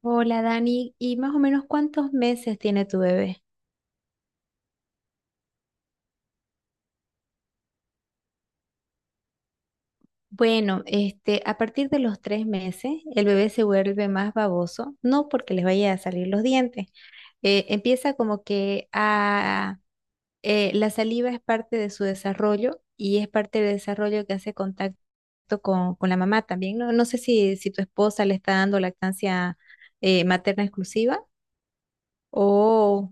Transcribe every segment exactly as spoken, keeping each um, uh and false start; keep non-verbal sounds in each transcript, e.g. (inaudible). Hola Dani, ¿y más o menos cuántos meses tiene tu bebé? Bueno, este, a partir de los tres meses, el bebé se vuelve más baboso, no porque les vaya a salir los dientes. Eh, empieza como que a, eh, La saliva es parte de su desarrollo y es parte del desarrollo que hace contacto con, con la mamá también. No, no sé si, si tu esposa le está dando lactancia eh, materna exclusiva o...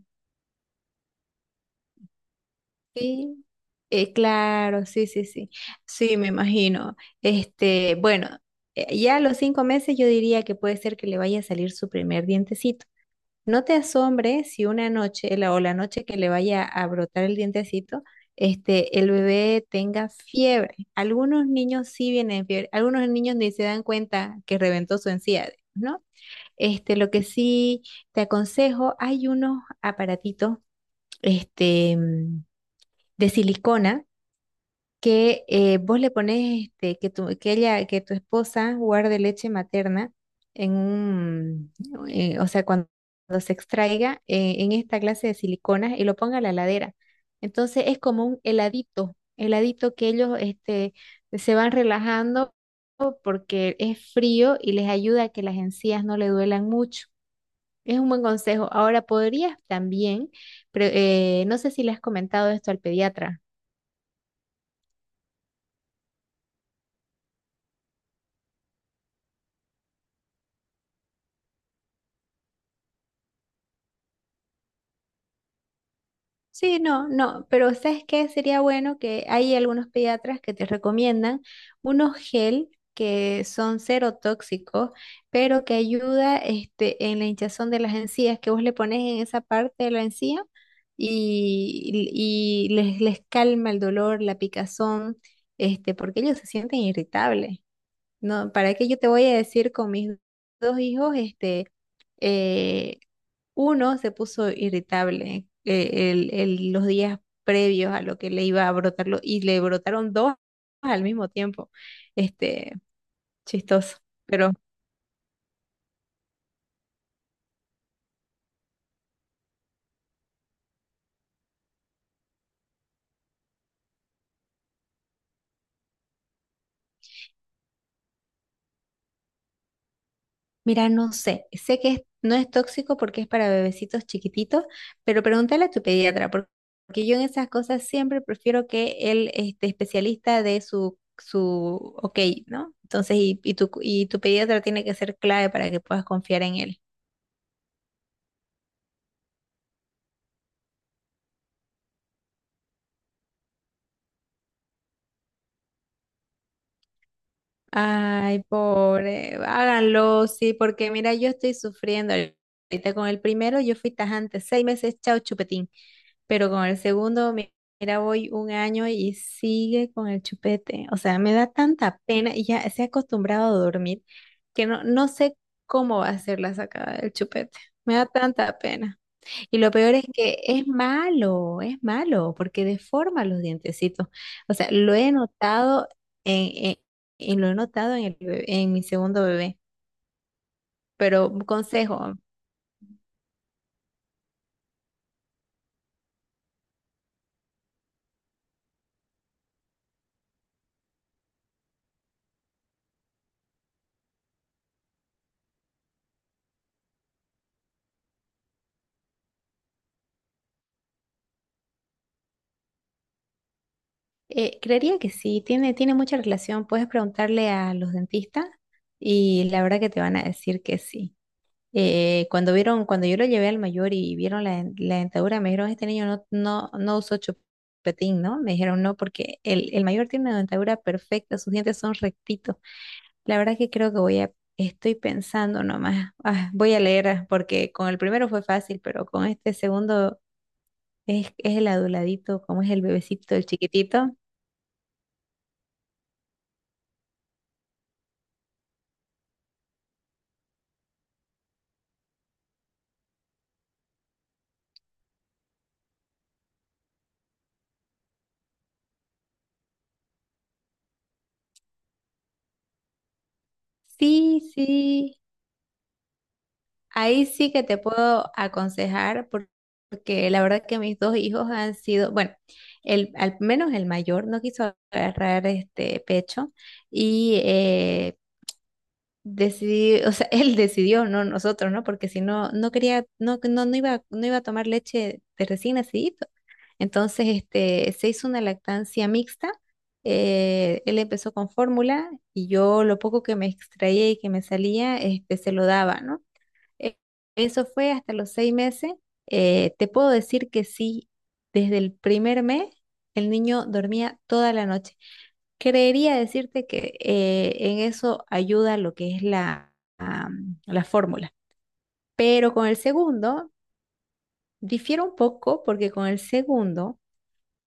sí, Eh, claro, sí, sí, sí. Sí, me imagino. Este, bueno, eh, ya a los cinco meses yo diría que puede ser que le vaya a salir su primer dientecito. No te asombres si una noche la, o la noche que le vaya a brotar el dientecito, este, el bebé tenga fiebre. Algunos niños sí vienen fiebre, algunos niños ni se dan cuenta que reventó su encía, ¿no? Este, lo que sí te aconsejo, hay unos aparatitos, este, de silicona que eh, vos le pones este, que tu, que ella, que tu esposa guarde leche materna en un, eh, o sea, cuando se extraiga eh, en esta clase de siliconas y lo ponga a la heladera. Entonces es como un heladito, heladito que ellos este, se van relajando porque es frío y les ayuda a que las encías no le duelan mucho. Es un buen consejo. Ahora podrías también, pero, eh, no sé si le has comentado esto al pediatra. Sí, no, no, pero ¿sabes qué? Sería bueno que hay algunos pediatras que te recomiendan unos gel que son cero tóxicos, pero que ayuda este, en la hinchazón de las encías, que vos le pones en esa parte de la encía y, y les, les calma el dolor, la picazón, este, porque ellos se sienten irritables. No, ¿para qué yo te voy a decir con mis dos hijos, este, eh. Uno se puso irritable eh, el- el- los días previos a lo que le iba a brotarlo y le brotaron dos al mismo tiempo. Este, Chistoso. Pero mira, no sé, sé que es- no es tóxico porque es para bebecitos chiquititos, pero pregúntale a tu pediatra por- porque yo en esas cosas siempre prefiero que el este, especialista de su su ok, ¿no? Entonces, y, y tu, y tu pediatra tiene que ser clave para que puedas confiar en él. Ay, pobre, háganlo, sí, porque mira, yo estoy sufriendo ahorita con el primero, yo fui tajante, seis meses, chao chupetín, pero con el segundo, mi- mira, voy un año y sigue con el chupete, o sea, me da tanta pena y ya se ha acostumbrado a dormir que no, no sé cómo va a ser la sacada del chupete, me da tanta pena. Y lo peor es que es malo, es malo, porque deforma los dientecitos. O sea, lo he notado en, en- en- lo he notado en, el bebé- en mi segundo bebé. Pero un consejo, eh, creería que sí, tiene, tiene mucha relación. Puedes preguntarle a los dentistas y la verdad que te van a decir que sí. Eh, cuando vieron, cuando yo lo llevé al mayor y vieron la, den- la dentadura, me dijeron, este niño no, no, no usó chupetín, ¿no? Me dijeron no, porque el, el mayor tiene una dentadura perfecta, sus dientes son rectitos. La verdad que creo que voy a, estoy pensando nomás, ah, voy a leer ah, porque con el primero fue fácil, pero con este segundo es, es el aduladito, como es el bebecito, el chiquitito. Sí, sí, ahí sí que te puedo aconsejar por- porque la verdad que mis dos hijos han sido, bueno, el, al menos el mayor no quiso agarrar este pecho y eh, decidí, o sea, (laughs) él decidió, no nosotros, ¿no? Porque si no, no quería, no, no, no iba, no iba a tomar leche de recién nacidito. Entonces, este, se hizo una lactancia mixta. Eh, él empezó con fórmula y yo lo poco que me extraía y que me salía, este, se lo daba, ¿no? E- Eso fue hasta los seis meses. Eh, te puedo decir que sí, desde el primer mes el niño dormía toda la noche. Creería decirte que eh, en eso ayuda lo que es la, am, la fórmula. Pero con el segundo, difiere un poco porque con el segundo,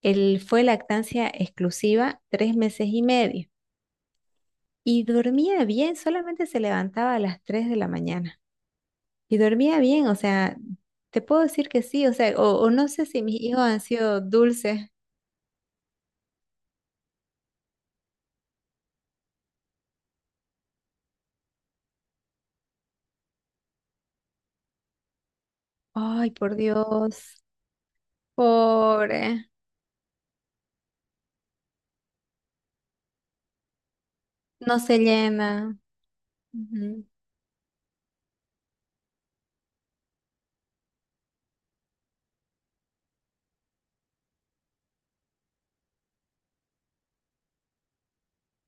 él fue lactancia exclusiva tres meses y medio y dormía bien, solamente se levantaba a las tres de la mañana. Y dormía bien, o sea, te puedo decir que sí, o sea, o, o no sé si mis hijos han sido dulces. Ay, por Dios, pobre, no se llena. Ujú.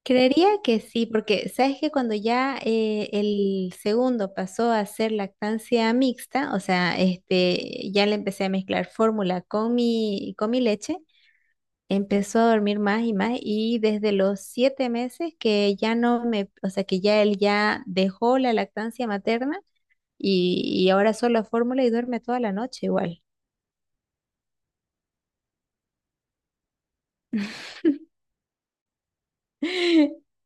Creería que sí, porque sabes que cuando ya eh, el segundo pasó a ser lactancia mixta, o sea, este, ya le empecé a mezclar fórmula con mi, con mi leche, empezó a dormir más y más y desde los siete meses que ya no me, o sea, que ya él ya dejó la lactancia materna y, y ahora solo fórmula y duerme toda la noche igual. (laughs)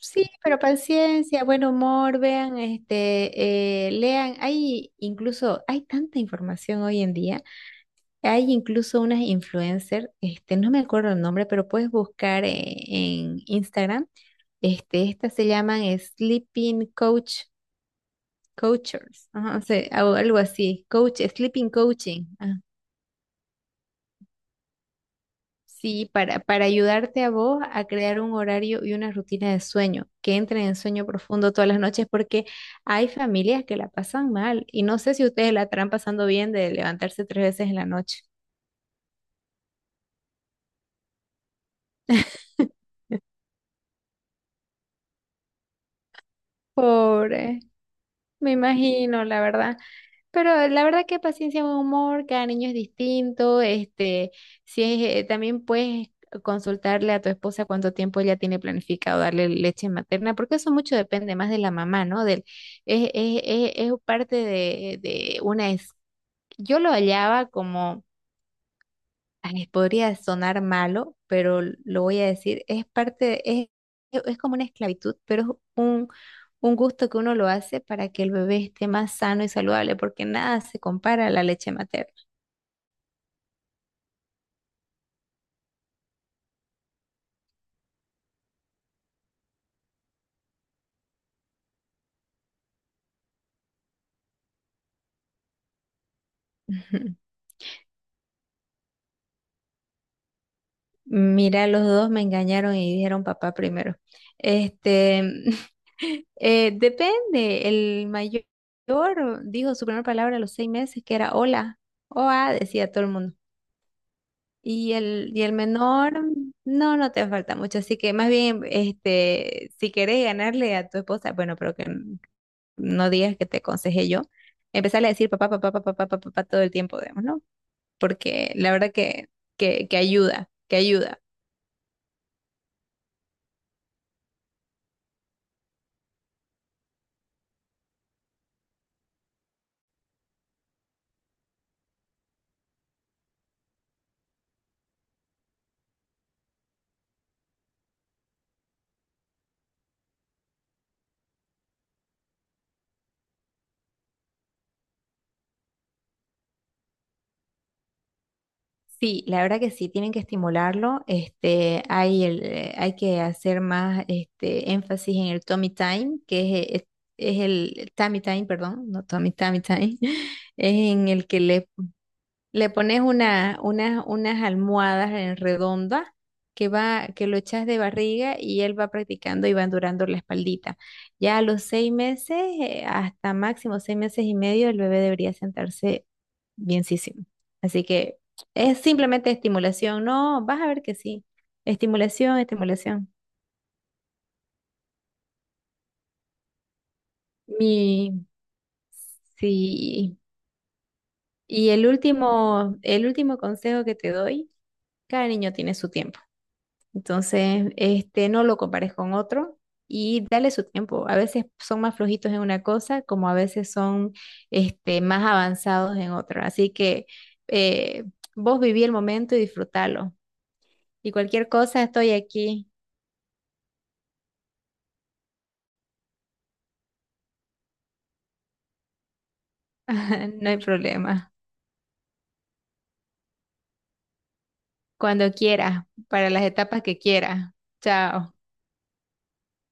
Sí, pero paciencia, buen humor, vean, este, eh, lean, hay incluso, hay tanta información hoy en día, hay incluso unas influencers, este, no me acuerdo el nombre, pero puedes buscar eh, en Instagram, este, estas se llaman Sleeping Coach Coachers, ajá, o sea, o algo así, coach, sleeping coaching, ah, sí, para, para ayudarte a vos a crear un horario y una rutina de sueño, que entren en sueño profundo todas las noches, porque hay familias que la pasan mal y no sé si ustedes la estarán pasando bien de levantarse tres veces en la noche. Pobre, me imagino, la verdad. Pero la verdad que paciencia, buen humor, cada niño es distinto. Este, si es, eh, También puedes consultarle a tu esposa cuánto tiempo ella tiene planificado darle leche materna, porque eso mucho depende más de la mamá, ¿no? Del, es, es, es- Es parte de, de una... es- Yo lo hallaba como ay, podría sonar malo, pero lo voy a decir, es parte, de- es, e- es como una esclavitud, pero es un, un gusto que uno lo hace para que el bebé esté más sano y saludable, porque nada se compara a la leche materna. (laughs) Ujú. Mira, los dos me engañaron y dijeron papá primero. Este, (laughs) eh, depende, el mayor dijo su primera palabra a los seis meses, que era hola, oa, decía todo el mundo. Y el, y el menor, no, no te falta mucho. Así que más bien, este, si querés ganarle a tu esposa, bueno, pero que n- no digas que te aconsejé yo, empezarle a decir papá, papá, papá, papá, papá, papá todo el tiempo, digamos, ¿no? Porque la verdad que, que, que ayuda, que ayuda. Sí, la verdad que sí, tienen que estimularlo. Este, hay el, eh, hay que hacer más este énfasis en el tummy time, que es, es, es el tummy time, perdón, no tummy, tummy time (laughs) es en el que le Le pones una, unas unas almohadas en redonda que va, que lo echas de barriga y él va practicando y va durando la espaldita. Ya a los seis meses, eh, hasta máximo seis meses y medio, el bebé debería sentarse bienísimo. Así que es simplemente estimulación. No, vas a ver que sí. Estimulación, estimulación. Mi, sí. Y el último, el último consejo que te doy, cada niño tiene su tiempo. Entonces, este, no lo compares con otro y dale su tiempo. A veces son más flojitos en una cosa, como a veces son, este, más avanzados en otra. Así que eh, vos viví el momento y disfrútalo. Y cualquier cosa, estoy aquí. (laughs) No hay problema. Cuando quieras, para las etapas que quieras. Chao.